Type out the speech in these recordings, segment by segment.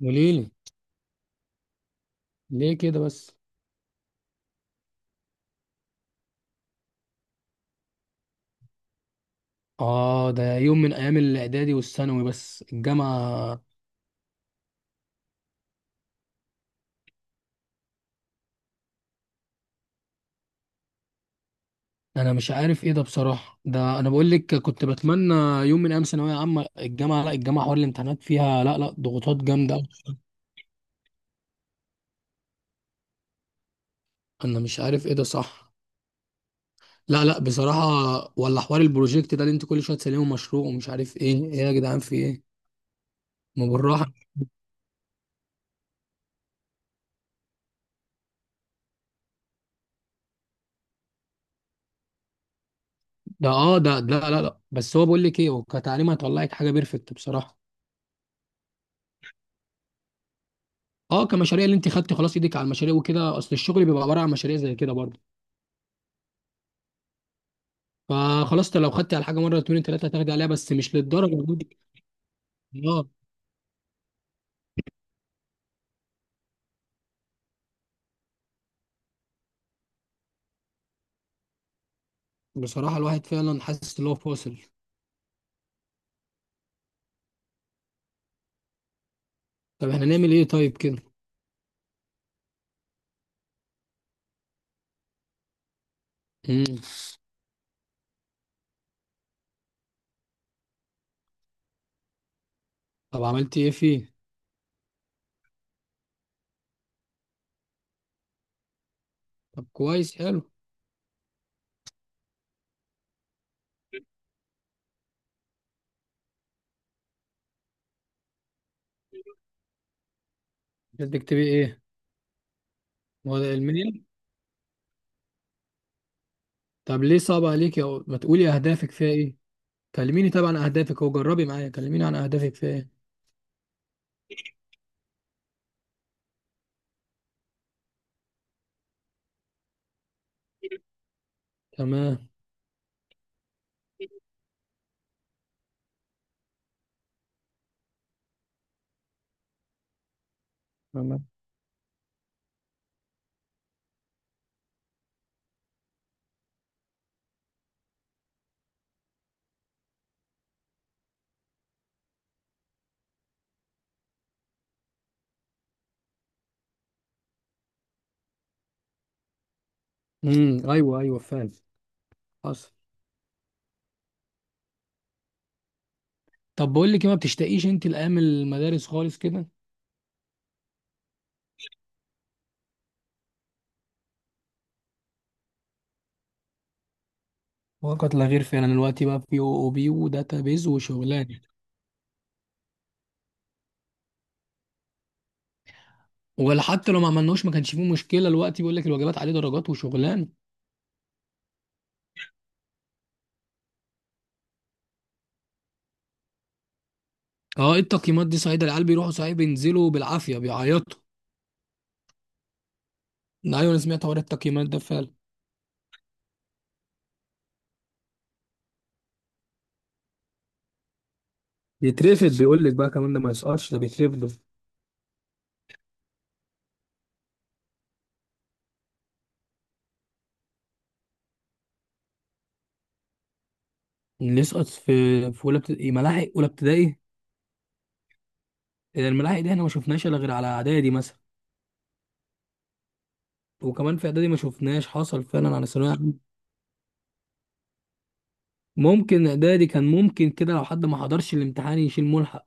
قوليلي. ليه كده بس؟ اه، ده يوم من ايام الاعدادي والثانوي، بس الجامعه انا مش عارف ايه ده بصراحه. ده انا بقول لك كنت بتمنى يوم من ايام ثانويه عامه. الجامعه، لا الجامعه حوار الامتحانات فيها لا ضغوطات جامده أوي. انا مش عارف ايه ده، صح. لا لا بصراحه، ولا حوار البروجكت ده اللي انت كل شويه تسلمه مشروع ومش عارف ايه ايه. يا جدعان في ايه؟ ما بالراحه. ده اه ده لا بس هو بقول لك ايه، هو كتعليم هيطلعك حاجه بيرفكت بصراحه. اه، كمشاريع اللي انت خدتي خلاص ايدك على المشاريع وكده، اصل الشغل بيبقى عباره عن مشاريع زي كده برضه. فخلاص، لو خدتي على حاجه مره اتنين تلاته هتاخدي عليها، بس مش للدرجه دي. اه، بصراحه الواحد فعلا حاسس ان هو فاصل. طب احنا نعمل ايه طيب كده؟ امم طب عملتي ايه فيه؟ طب كويس، حلو. بدك تبقي ايه؟ هو ده الميل. طب ليه صعب عليك؟ يا ما تقولي اهدافك فيها ايه، كلميني طبعا عن اهدافك. هو جربي معايا، كلميني عن اهدافك فيها ايه. تمام. تمام. ايوه ايوه فعلا. حصل. طب بقول لك إيه، ما بتشتاقيش انت لايام المدارس خالص كده؟ وقت لا غير، فينا دلوقتي بقى في او او بي وداتا بيز وشغلانه. ولا حتى لو ما عملناهوش ما كانش فيه مشكله، دلوقتي بيقول لك الواجبات عليه درجات وشغلان. اه، ايه التقييمات دي صحيح؟ ده العيال بيروحوا صحيح، بينزلوا بالعافيه بيعيطوا. ايوه انا سمعت حوار التقييمات ده فعلا. يترفد، بيقول لك بقى كمان ده ما يسقطش، ده بيترفدوا. اللي يسقط في في اولى ابتدائي ملاحق اولى ابتدائي؟ الملاحق دي احنا ما شفناش الا غير على اعدادي مثلا، وكمان في اعدادي ما شفناش، حصل فعلا على ثانويه عامة. ممكن اعدادي كان ممكن كده، لو حد ما حضرش الامتحان يشيل ملحق.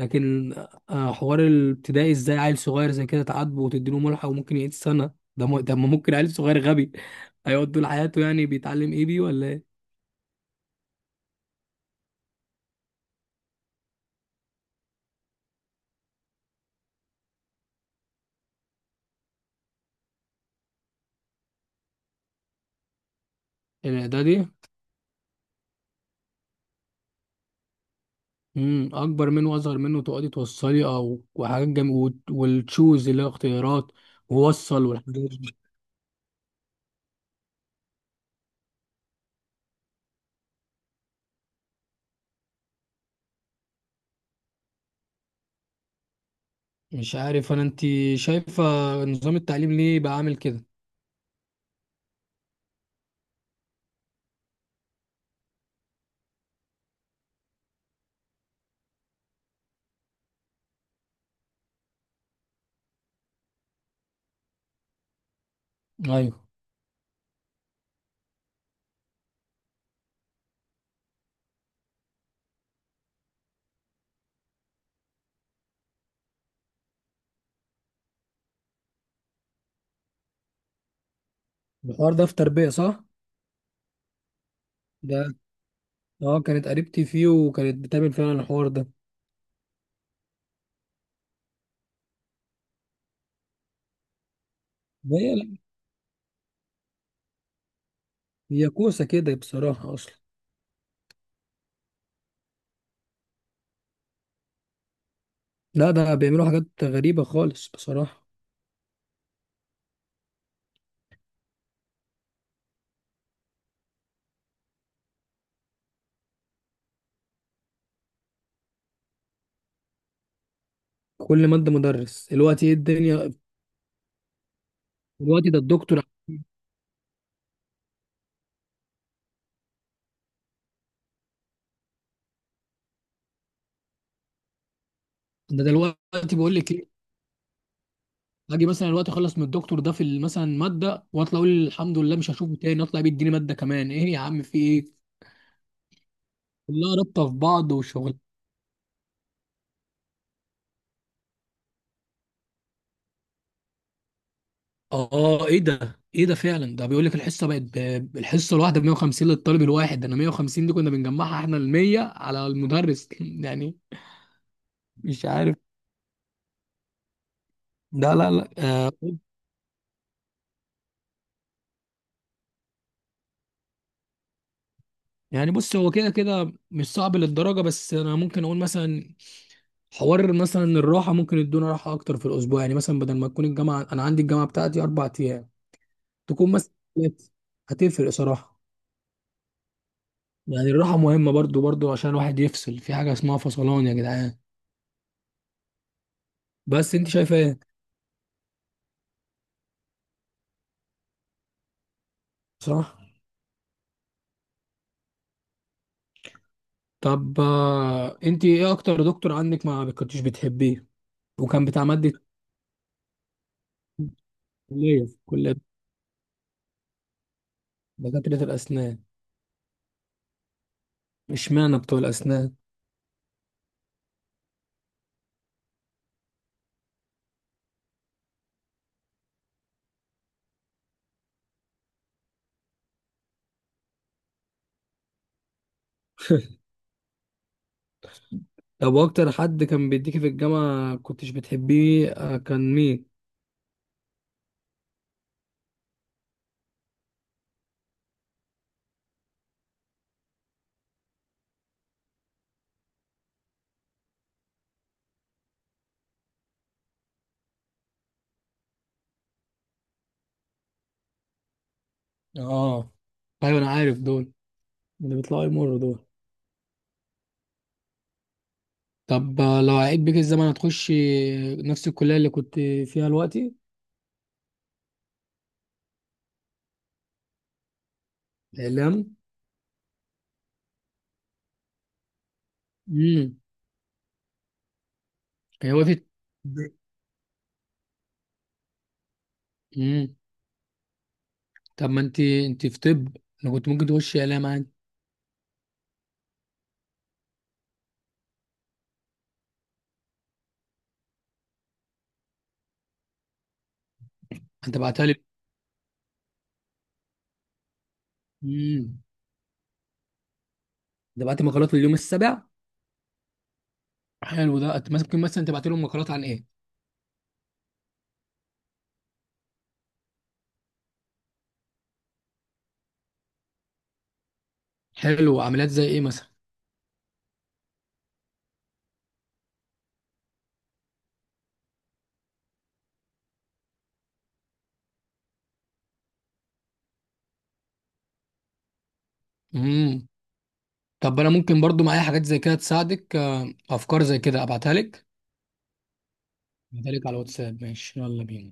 لكن حوار الابتدائي ازاي؟ عيل صغير زي كده تعاتبه وتديله ملحق وممكن يعيد سنة؟ ده ما ممكن، عيل صغير غبي هيقعد طول حياته، يعني بيتعلم ايه بيه ولا ايه؟ الاعدادي، اكبر منه واصغر منه، تقعدي توصلي او وحاجات والتشوز اللي هو اختيارات ووصل والحاجات دي. مش عارف انا، انت شايفة نظام التعليم ليه بقى عامل كده؟ ايوه الحوار ده في تربية، صح؟ ده اه، كانت قريبتي فيه وكانت بتعمل فعلا الحوار ده. هي لا، هي كوسه كده بصراحه اصلا. لا ده بيعملوا حاجات غريبه خالص بصراحه. كل ماده مدرس؟ الوقت ايه الدنيا! الوقت ده الدكتور. ده دلوقتي بقول لك ايه، اجي مثلا الوقت اخلص من الدكتور ده في مثلا ماده واطلع اقول الحمد لله مش هشوفه تاني، اطلع بيديني ماده كمان، ايه يا عم في ايه؟ كلها رابطه في بعض وشغل. اه ايه ده، ايه ده فعلا، ده بيقول لك الحصه بقت الحصه الواحده ب 150 للطالب الواحد، ده انا 150 دي كنا بنجمعها احنا ال 100 على المدرس يعني. مش عارف. لا آه. يعني بص، هو كده كده مش صعب للدرجه، بس انا ممكن اقول مثلا حوار مثلا الراحه، ممكن يدونا راحه اكتر في الاسبوع. يعني مثلا بدل ما تكون الجامعه، انا عندي الجامعه بتاعتي اربع ايام، تكون مثلا ثلاثة. هتفرق صراحه. يعني الراحه مهمه برضو عشان الواحد يفصل في حاجه اسمها فصلان يا جدعان. بس انت شايفه ايه؟ صح. طب انت ايه اكتر دكتور عندك ما كنتش بتحبيه وكان بتاع مادة؟ كلية، في كلية. دكاترة الأسنان، اشمعنى بتوع الأسنان؟ طب واكتر حد كان بيديكي في الجامعة كنتش بتحبيه كان مين؟ اه ايوه، انا عارف دول، اللي بيطلعوا يمروا دول. طب لو عيد بيك الزمن هتخشي نفس الكلية اللي كنت فيها دلوقتي؟ اعلام؟ امم. هي وقفت. امم. طب ما انت انت في طب، انا كنت ممكن تخشي اعلام؟ انت بعتها لي. امم. انت بعت مقالات لليوم السابع؟ حلو ده. ممكن مثلا تبعت لهم مقالات عن ايه؟ حلو، عمليات زي ايه مثلا؟ امم. طب انا ممكن برضو معايا حاجات زي كده تساعدك، افكار زي كده ابعتها لك. ابعتها لك على الواتساب، ماشي يلا بينا.